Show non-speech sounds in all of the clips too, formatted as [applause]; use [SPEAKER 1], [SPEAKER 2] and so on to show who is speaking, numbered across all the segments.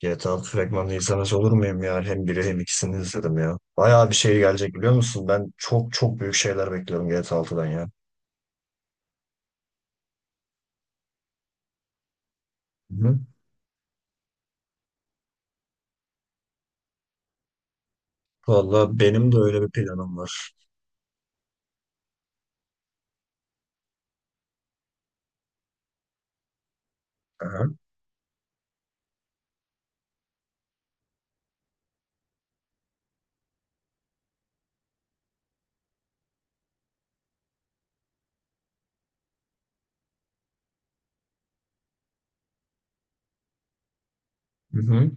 [SPEAKER 1] GTA 6 fragmanını izlemez olur muyum ya? Hem biri hem ikisini izledim ya. Bayağı bir şey gelecek, biliyor musun? Ben çok çok büyük şeyler bekliyorum GTA 6'dan ya. Hı-hı. Valla benim de öyle bir planım var. Aha. Hı-hı.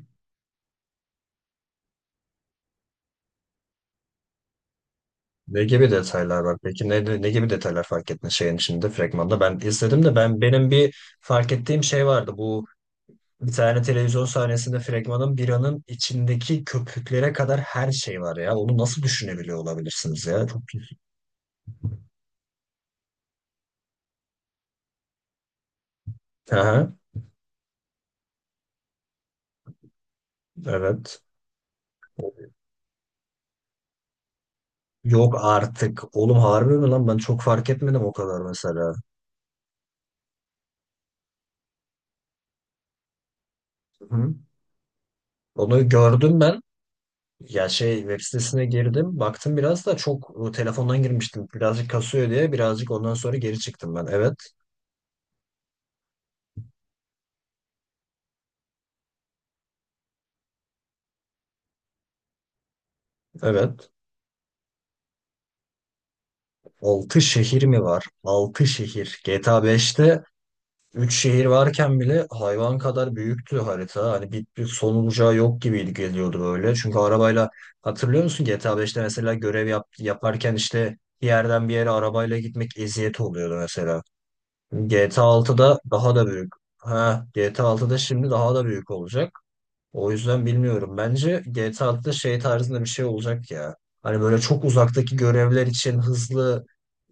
[SPEAKER 1] Ne gibi detaylar var? Peki ne gibi detaylar fark ettin şeyin içinde, fragmanda? Ben izledim de benim bir fark ettiğim şey vardı. Bu, bir tane televizyon sahnesinde fragmanın, biranın içindeki köpüklere kadar her şey var ya. Onu nasıl düşünebiliyor olabilirsiniz ya? Çok iyi. Aha, evet. Yok artık. Oğlum, harbi mi lan? Ben çok fark etmedim o kadar mesela. Hı. Onu gördüm ben. Ya şey, web sitesine girdim. Baktım biraz da, çok o, telefondan girmiştim. Birazcık kasıyor diye birazcık, ondan sonra geri çıktım ben. Evet. Evet. 6 şehir mi var? 6 şehir. GTA 5'te üç şehir varken bile hayvan kadar büyüktü harita. Hani bir son olacağı yok gibiydi, geliyordu böyle. Çünkü arabayla, hatırlıyor musun GTA 5'te mesela görev yaparken, işte bir yerden bir yere arabayla gitmek eziyet oluyordu mesela. GTA 6'da daha da büyük. Ha, GTA 6'da şimdi daha da büyük olacak. O yüzden bilmiyorum. Bence GTA 6'da şey tarzında bir şey olacak ya. Hani böyle çok uzaktaki görevler için hızlı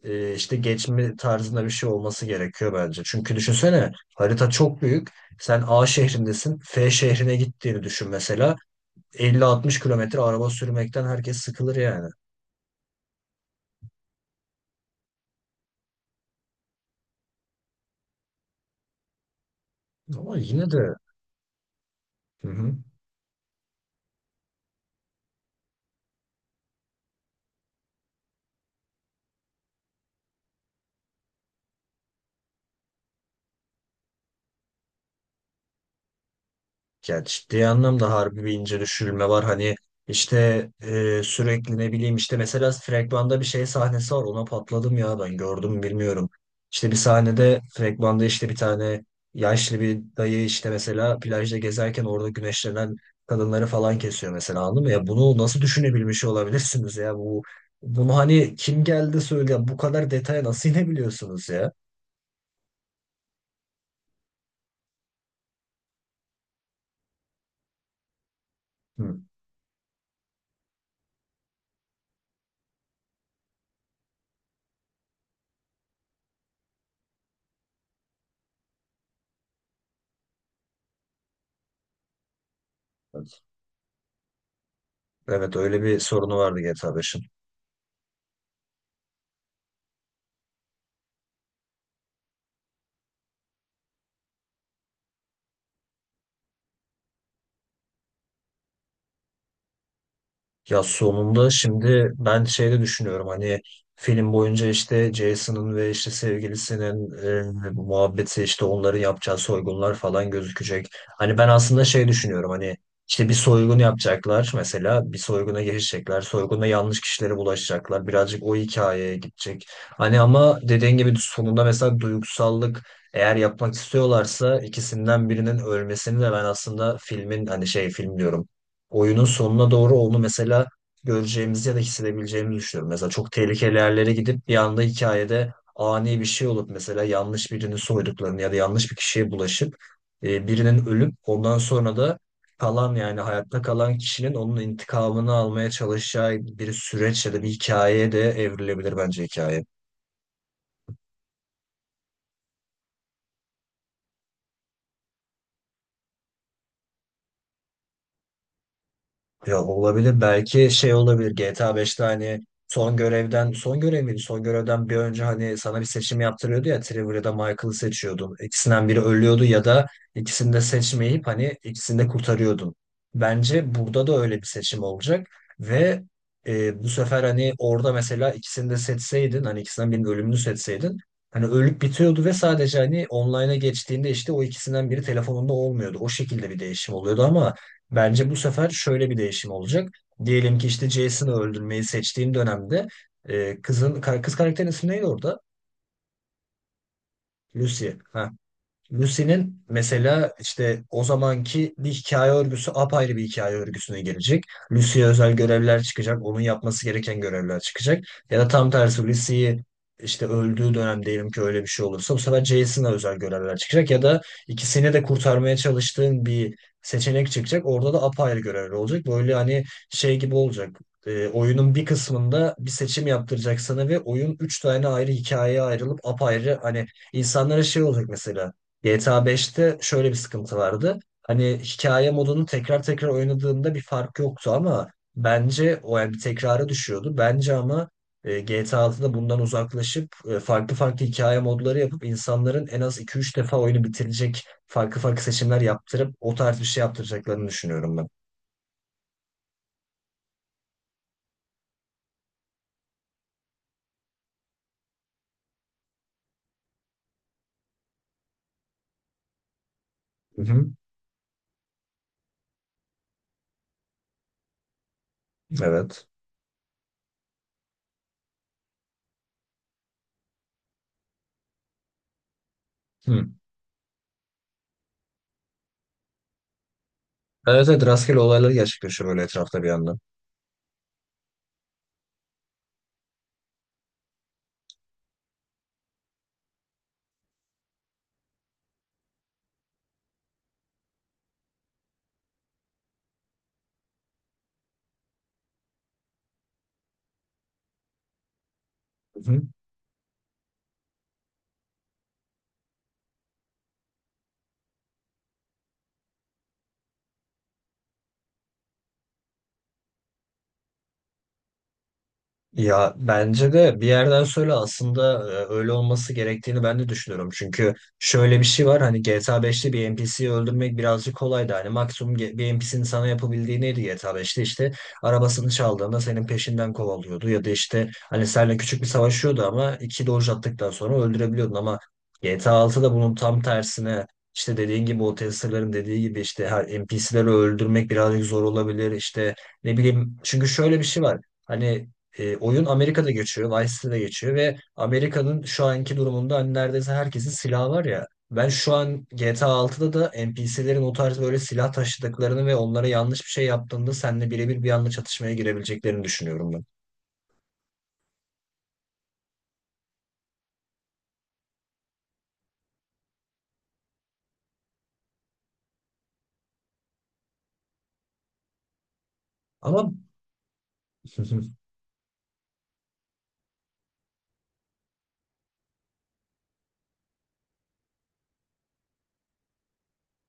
[SPEAKER 1] işte geçme tarzında bir şey olması gerekiyor bence. Çünkü düşünsene, harita çok büyük. Sen A şehrindesin. F şehrine gittiğini düşün mesela. 50-60 kilometre araba sürmekten herkes sıkılır yani. Ama yine de. Hı hı. Ya, ciddi anlamda harbi bir ince düşürülme var. Hani işte sürekli ne bileyim, işte mesela fragmanda bir şey sahnesi var. Ona patladım ya, ben, gördüm mü bilmiyorum. İşte bir sahnede, fragmanda, işte bir tane yaşlı bir dayı işte mesela plajda gezerken orada güneşlenen kadınları falan kesiyor mesela, anladın mı? Ya, bunu nasıl düşünebilmiş olabilirsiniz ya, bunu hani kim geldi söyle, bu kadar detaya nasıl inebiliyorsunuz ya? Hı. Evet, evet, öyle bir sorunu vardı GTA 5'in. Ya sonunda şimdi ben şeyde düşünüyorum, hani film boyunca işte Jason'ın ve işte sevgilisinin muhabbeti, işte onların yapacağı soygunlar falan gözükecek. Hani ben aslında şey düşünüyorum, hani işte bir soygun yapacaklar mesela, bir soyguna girişecekler. Soyguna, yanlış kişilere bulaşacaklar. Birazcık o hikayeye gidecek. Hani ama dediğin gibi sonunda mesela duygusallık eğer yapmak istiyorlarsa, ikisinden birinin ölmesini de ben aslında filmin, hani şey, film diyorum, oyunun sonuna doğru onu mesela göreceğimizi ya da hissedebileceğimizi düşünüyorum. Mesela çok tehlikeli yerlere gidip bir anda hikayede ani bir şey olup mesela yanlış birini soyduklarını ya da yanlış bir kişiye bulaşıp birinin ölüp ondan sonra da kalan, yani hayatta kalan kişinin onun intikamını almaya çalışacağı bir süreç ya da bir hikayeye de evrilebilir bence hikaye. Ya, olabilir. Belki şey olabilir. GTA 5'te hani son görevden, son görev miydi? Son görevden bir önce hani sana bir seçim yaptırıyordu ya, Trevor ya da Michael'ı seçiyordun. İkisinden biri ölüyordu ya da ikisini de seçmeyip hani ikisini de kurtarıyordun. Bence burada da öyle bir seçim olacak ve bu sefer, hani orada mesela ikisini de seçseydin, hani ikisinden birinin ölümünü seçseydin, hani ölüp bitiyordu ve sadece hani online'a geçtiğinde işte o ikisinden biri telefonunda olmuyordu. O şekilde bir değişim oluyordu ama bence bu sefer şöyle bir değişim olacak. Diyelim ki işte Jason'ı öldürmeyi seçtiğim dönemde kız karakterin ismi neydi orada? Lucy. Ha, Lucy'nin mesela işte o zamanki bir hikaye örgüsü apayrı bir hikaye örgüsüne gelecek. Lucy'ye özel görevler çıkacak. Onun yapması gereken görevler çıkacak. Ya da tam tersi, Lucy'yi işte öldüğü dönem, diyelim ki öyle bir şey olursa, bu sefer Jason'a özel görevler çıkacak. Ya da ikisini de kurtarmaya çalıştığın bir seçenek çıkacak. Orada da apayrı görevler olacak. Böyle, hani şey gibi olacak. Oyunun bir kısmında bir seçim yaptıracak sana ve oyun üç tane ayrı hikayeye ayrılıp apayrı hani insanlara şey olacak mesela. GTA 5'te şöyle bir sıkıntı vardı. Hani hikaye modunu tekrar tekrar oynadığında bir fark yoktu ama bence o, yani bir tekrara düşüyordu. Bence ama GTA 6'da bundan uzaklaşıp farklı farklı hikaye modları yapıp insanların en az iki üç defa oyunu bitirecek farklı farklı seçimler yaptırıp o tarz bir şey yaptıracaklarını düşünüyorum ben. Hı hı. Evet. Hı. Evet, evet, rastgele olaylar gerçekleşiyor böyle etrafta bir yandan. Ya bence de bir yerden sonra aslında öyle olması gerektiğini ben de düşünüyorum. Çünkü şöyle bir şey var, hani GTA 5'te bir NPC'yi öldürmek birazcık kolaydı. Hani maksimum bir NPC'nin sana yapabildiği neydi GTA 5'te? İşte arabasını çaldığında senin peşinden kovalıyordu. Ya da işte hani seninle küçük bir savaşıyordu ama iki doge attıktan sonra öldürebiliyordun. Ama GTA 6'da bunun tam tersine, işte dediğin gibi, o testerların dediği gibi, işte her NPC'leri öldürmek birazcık zor olabilir. İşte ne bileyim, çünkü şöyle bir şey var. Hani oyun Amerika'da geçiyor, Vice City'de geçiyor ve Amerika'nın şu anki durumunda hani neredeyse herkesin silahı var ya. Ben şu an GTA 6'da da NPC'lerin o tarz böyle silah taşıdıklarını ve onlara yanlış bir şey yaptığında seninle birebir bir anda çatışmaya girebileceklerini düşünüyorum ben. Ama. [laughs]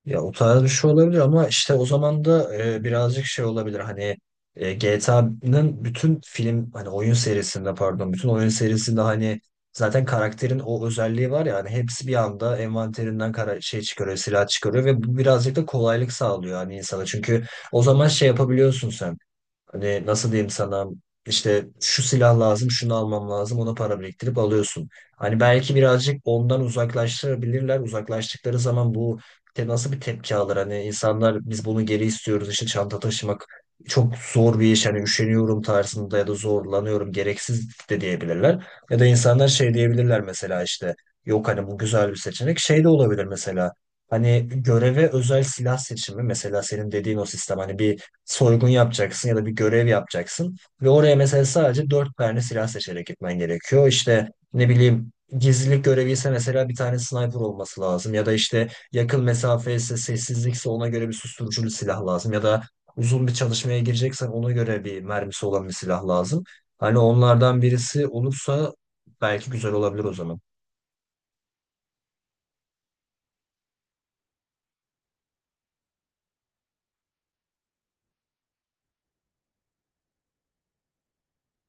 [SPEAKER 1] Ya, o tarz bir şey olabilir ama işte o zaman da birazcık şey olabilir, hani GTA'nın bütün film, hani oyun serisinde, pardon, bütün oyun serisinde hani zaten karakterin o özelliği var ya, hani hepsi bir anda envanterinden kara şey çıkarıyor, silah çıkarıyor ve bu birazcık da kolaylık sağlıyor hani insana. Çünkü o zaman şey yapabiliyorsun sen. Hani nasıl diyeyim sana, işte şu silah lazım, şunu almam lazım, ona para biriktirip alıyorsun. Hani belki birazcık ondan uzaklaştırabilirler. Uzaklaştıkları zaman bu nasıl bir tepki alır? Hani insanlar, "Biz bunu geri istiyoruz, işte çanta taşımak çok zor bir iş, hani üşeniyorum" tarzında ya da "zorlanıyorum, gereksiz" de diyebilirler. Ya da insanlar şey diyebilirler mesela, işte, "Yok hani, bu güzel bir seçenek" şey de olabilir mesela. Hani göreve özel silah seçimi, mesela senin dediğin o sistem, hani bir soygun yapacaksın ya da bir görev yapacaksın ve oraya mesela sadece dört tane silah seçerek gitmen gerekiyor. İşte ne bileyim, gizlilik görevi ise mesela bir tane sniper olması lazım ya da işte yakın mesafe ise, sessizlikse, ona göre bir susturuculu silah lazım ya da uzun bir çalışmaya gireceksen ona göre bir mermisi olan bir silah lazım. Hani onlardan birisi olursa belki güzel olabilir o zaman.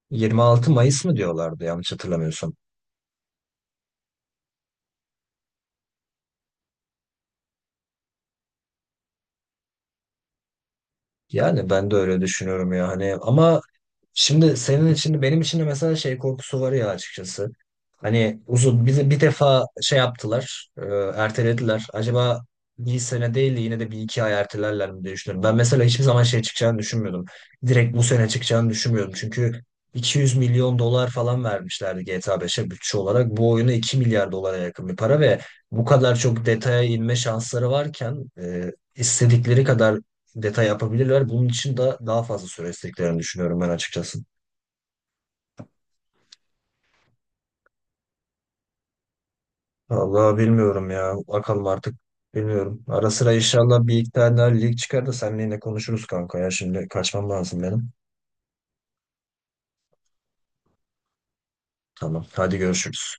[SPEAKER 1] 26 Mayıs mı diyorlardı, yanlış hatırlamıyorsam. Yani ben de öyle düşünüyorum ya, hani ama şimdi senin için, benim için de mesela şey korkusu var ya, açıkçası. Hani uzun, bizi bir defa şey yaptılar, ertelediler. Acaba bir sene değil de yine de bir iki ay ertelerler mi diye düşünüyorum. Ben mesela hiçbir zaman şey çıkacağını düşünmüyordum. Direkt bu sene çıkacağını düşünmüyordum. Çünkü 200 milyon dolar falan vermişlerdi GTA 5'e bütçe olarak. Bu oyuna 2 milyar dolara yakın bir para ve bu kadar çok detaya inme şansları varken istedikleri kadar detay yapabilirler. Bunun için de daha fazla süre istediklerini düşünüyorum ben, açıkçası. Vallahi bilmiyorum ya. Bakalım artık. Bilmiyorum. Ara sıra inşallah bir iki tane daha lig çıkar da seninle yine konuşuruz kanka ya. Şimdi kaçmam lazım benim. Tamam. Hadi görüşürüz.